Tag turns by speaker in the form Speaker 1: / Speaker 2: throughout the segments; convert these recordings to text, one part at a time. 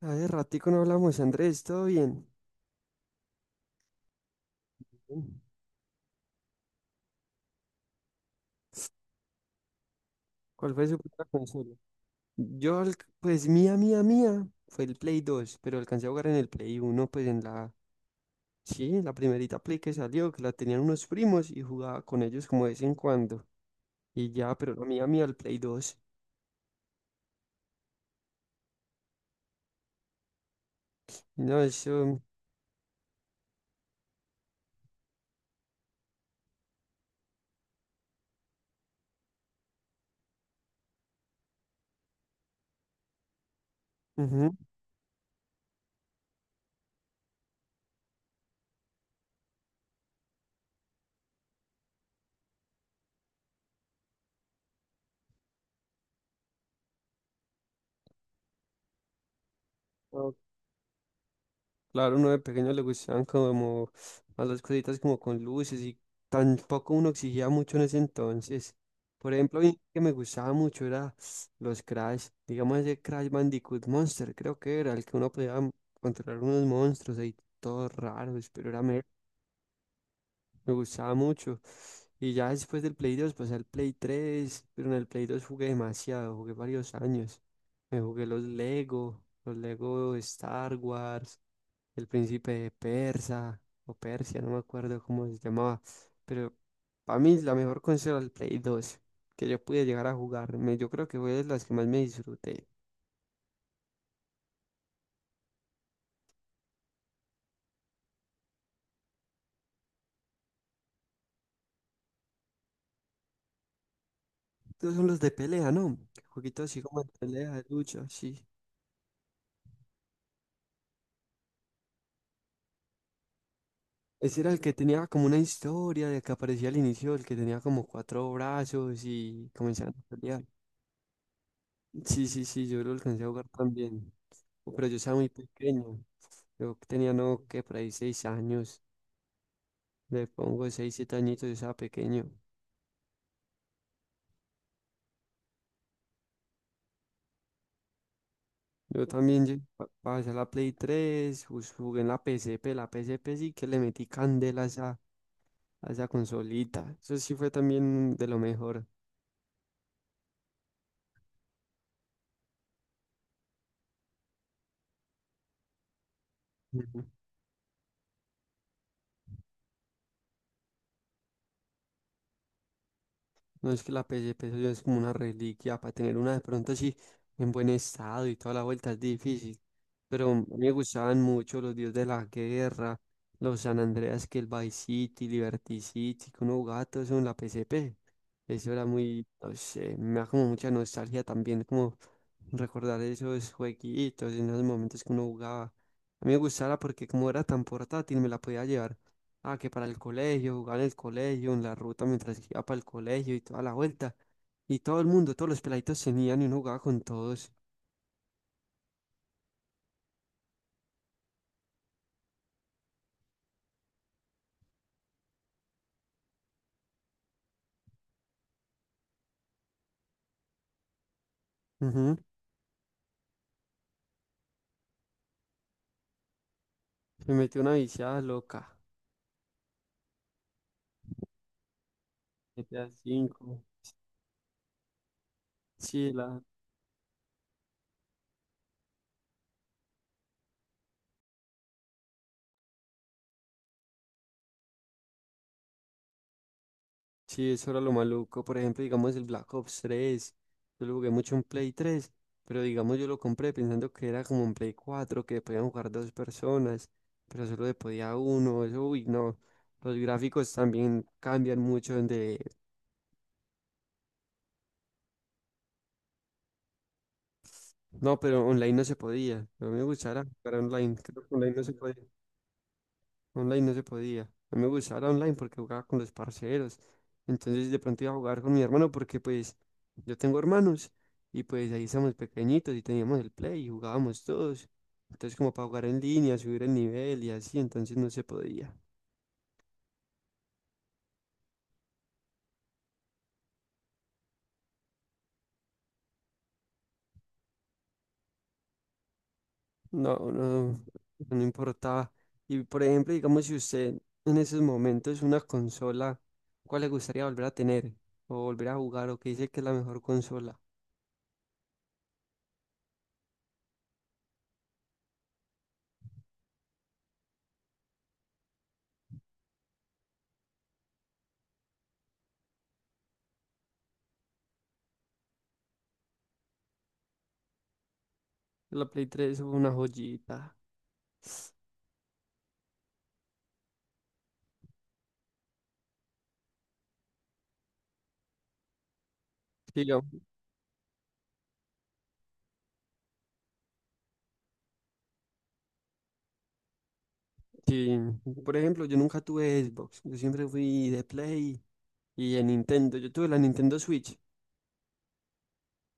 Speaker 1: Hace ratico no hablamos, Andrés, ¿todo bien? Bien. ¿Cuál fue su primera consola? Pues mía, fue el Play dos, pero alcancé a jugar en el Play uno, pues en la primerita Play que salió, que la tenían unos primos y jugaba con ellos como de vez en cuando. Y ya, pero la mía, mía, el Play dos. No, eso. Ujú. Claro, uno de pequeño le gustaban como a las cositas como con luces y tampoco uno exigía mucho en ese entonces. Por ejemplo, a mí que me gustaba mucho era los Crash, digamos ese Crash Bandicoot Monster, creo que era el que uno podía controlar unos monstruos ahí todos raros, pero me gustaba mucho. Y ya después del Play 2 pasé al Play 3, pero en el Play 2 jugué demasiado, jugué varios años. Me jugué los Lego Star Wars, el príncipe de Persa o Persia, no me acuerdo cómo se llamaba, pero para mí la mejor consola el Play 2 que yo pude llegar a jugar, yo creo que fue de las que más me disfruté. Estos son los de pelea, ¿no? Jueguitos así como de pelea, de lucha, sí. Ese era el que tenía como una historia de que aparecía al inicio, el que tenía como cuatro brazos y comenzaban a pelear. Sí, sí, sí, yo lo alcancé a jugar también, pero yo estaba muy pequeño, yo tenía no, que por ahí 6 años. Le pongo 6 7 añitos, yo estaba pequeño. Yo también lle- pa- pasé a la Play tres, jugué en la PSP. La PSP sí que le metí candela a esa consolita. Eso sí fue también de lo mejor. No, es que la PSP eso ya es como una reliquia. Para tener una de pronto así en buen estado y toda la vuelta es difícil. Pero a mí me gustaban mucho los Dios de la Guerra, los San Andreas, que el Vice City, Liberty City, que uno jugaba todo eso en la PSP. Eso era muy, no sé, me da como mucha nostalgia también, como recordar esos jueguitos en los momentos que uno jugaba. A mí me gustaba porque como era tan portátil, me la podía llevar. Ah, que para el colegio, jugar en el colegio, en la ruta mientras iba para el colegio y toda la vuelta. Y todo el mundo, todos los peladitos tenían y uno jugaba con todos. Ujú. Me metió una viciada loca. GTA cinco. Sí, la... Sí, eso era lo maluco. Por ejemplo, digamos el Black Ops tres, yo lo jugué mucho en Play tres, pero digamos yo lo compré pensando que era como en Play 4 que podían jugar dos personas, pero solo se podía uno. Eso, uy, no. Los gráficos también cambian mucho de... No, pero online no se podía. No me gustara jugar online. Creo que online no se podía. Online no se podía. No me gustara online porque jugaba con los parceros. Entonces de pronto iba a jugar con mi hermano porque pues yo tengo hermanos y pues ahí estamos pequeñitos y teníamos el play y jugábamos todos. Entonces como para jugar en línea, subir el nivel y así, entonces no se podía. No, no, no importaba. Y por ejemplo, digamos, si usted en esos momentos una consola, ¿cuál le gustaría volver a tener? O volver a jugar, o que dice que es la mejor consola. La Play 3 fue una joyita. Sí, yo- sí, Por ejemplo, yo nunca tuve Xbox. Yo siempre fui de Play y de Nintendo. Yo tuve la Nintendo Switch.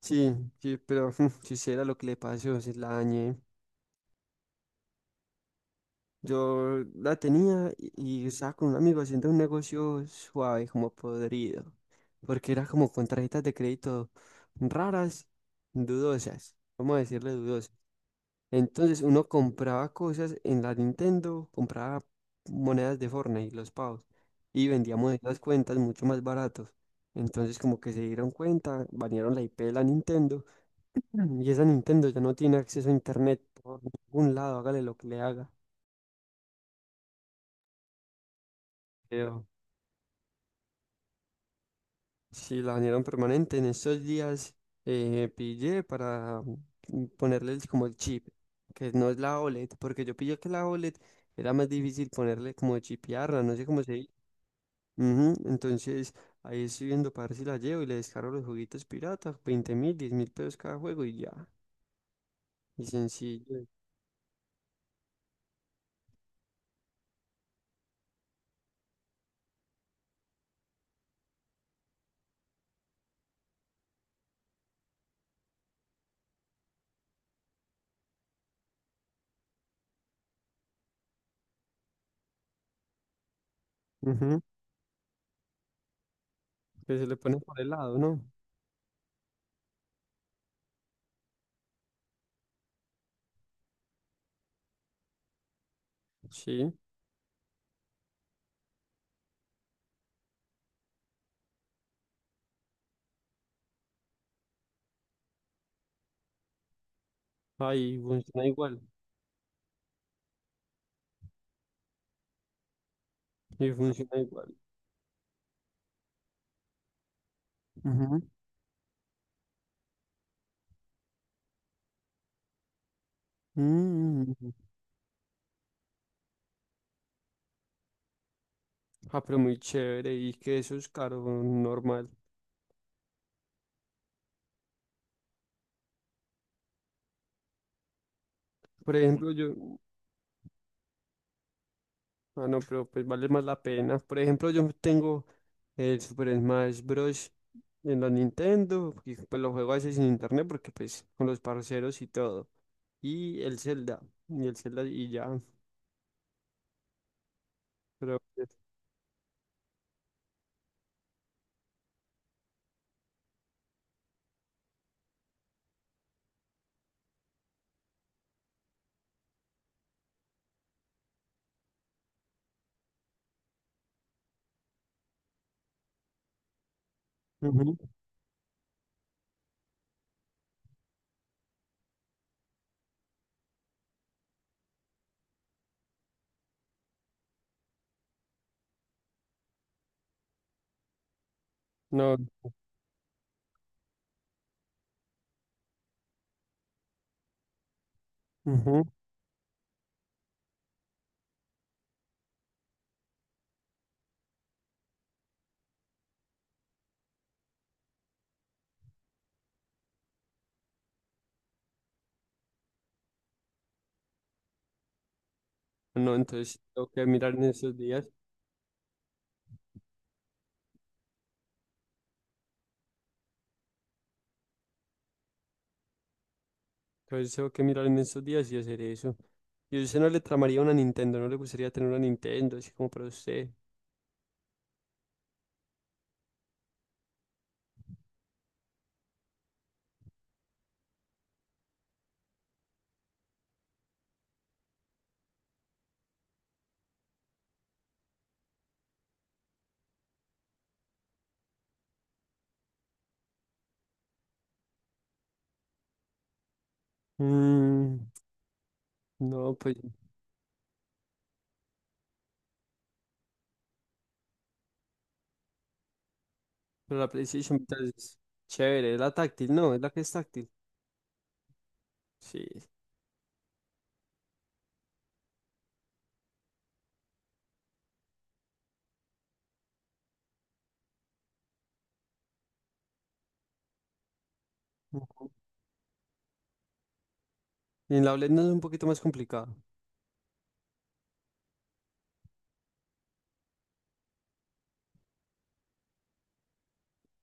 Speaker 1: Sí, sí, pero si era lo que le pasó, se la dañé. Yo la tenía, y estaba con un amigo haciendo un negocio suave, como podrido, porque era como con tarjetas de crédito raras, dudosas, vamos a decirle dudosas. Entonces uno compraba cosas en la Nintendo, compraba monedas de Fortnite, los pavos, y vendíamos esas cuentas mucho más baratos. Entonces como que se dieron cuenta, banearon la IP de la Nintendo, y esa Nintendo ya no tiene acceso a internet por ningún lado, hágale lo que le haga. Sí, la banearon permanente. En estos días pillé para ponerle como el chip, que no es la OLED, porque yo pillé que la OLED era más difícil ponerle, como chipearla, no sé cómo se dice. Ujú. Entonces ahí estoy viendo para ver si la llevo y le descargo los juguitos piratas, 20.000, 10.000 pesos cada juego y ya. Y sencillo. Ujú. ¿Que se le pone por el lado, no? Sí. Ahí funciona igual. Y funciona igual. Ujú. Mm. Ah, pero muy chévere. ¿Y que eso es caro, normal? Por ejemplo, yo... Ah, no, pero pues vale más la pena. Por ejemplo, yo tengo el Super Smash Bros. En la Nintendo, y pues lo juego a veces sin internet porque pues con los parceros y todo. Y el Zelda, y ya. Pero, pues, ujú, no, ujú, no, entonces tengo que mirar en estos días. Entonces tengo que mirar en estos días y hacer eso. Y usted no le tramaría una Nintendo, no le gustaría tener una Nintendo, así como para usted. Mm, no, pues, pero la PlayStation Vita es chévere, es la táctil, no, es la que es táctil. Sí. ¿Y en la OLED no es un poquito más complicado?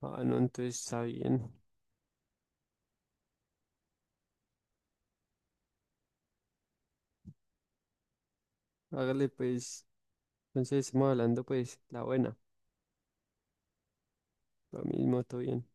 Speaker 1: Ah, no, entonces está bien. Hágale pues, entonces estamos hablando pues la buena, lo mismo, todo bien.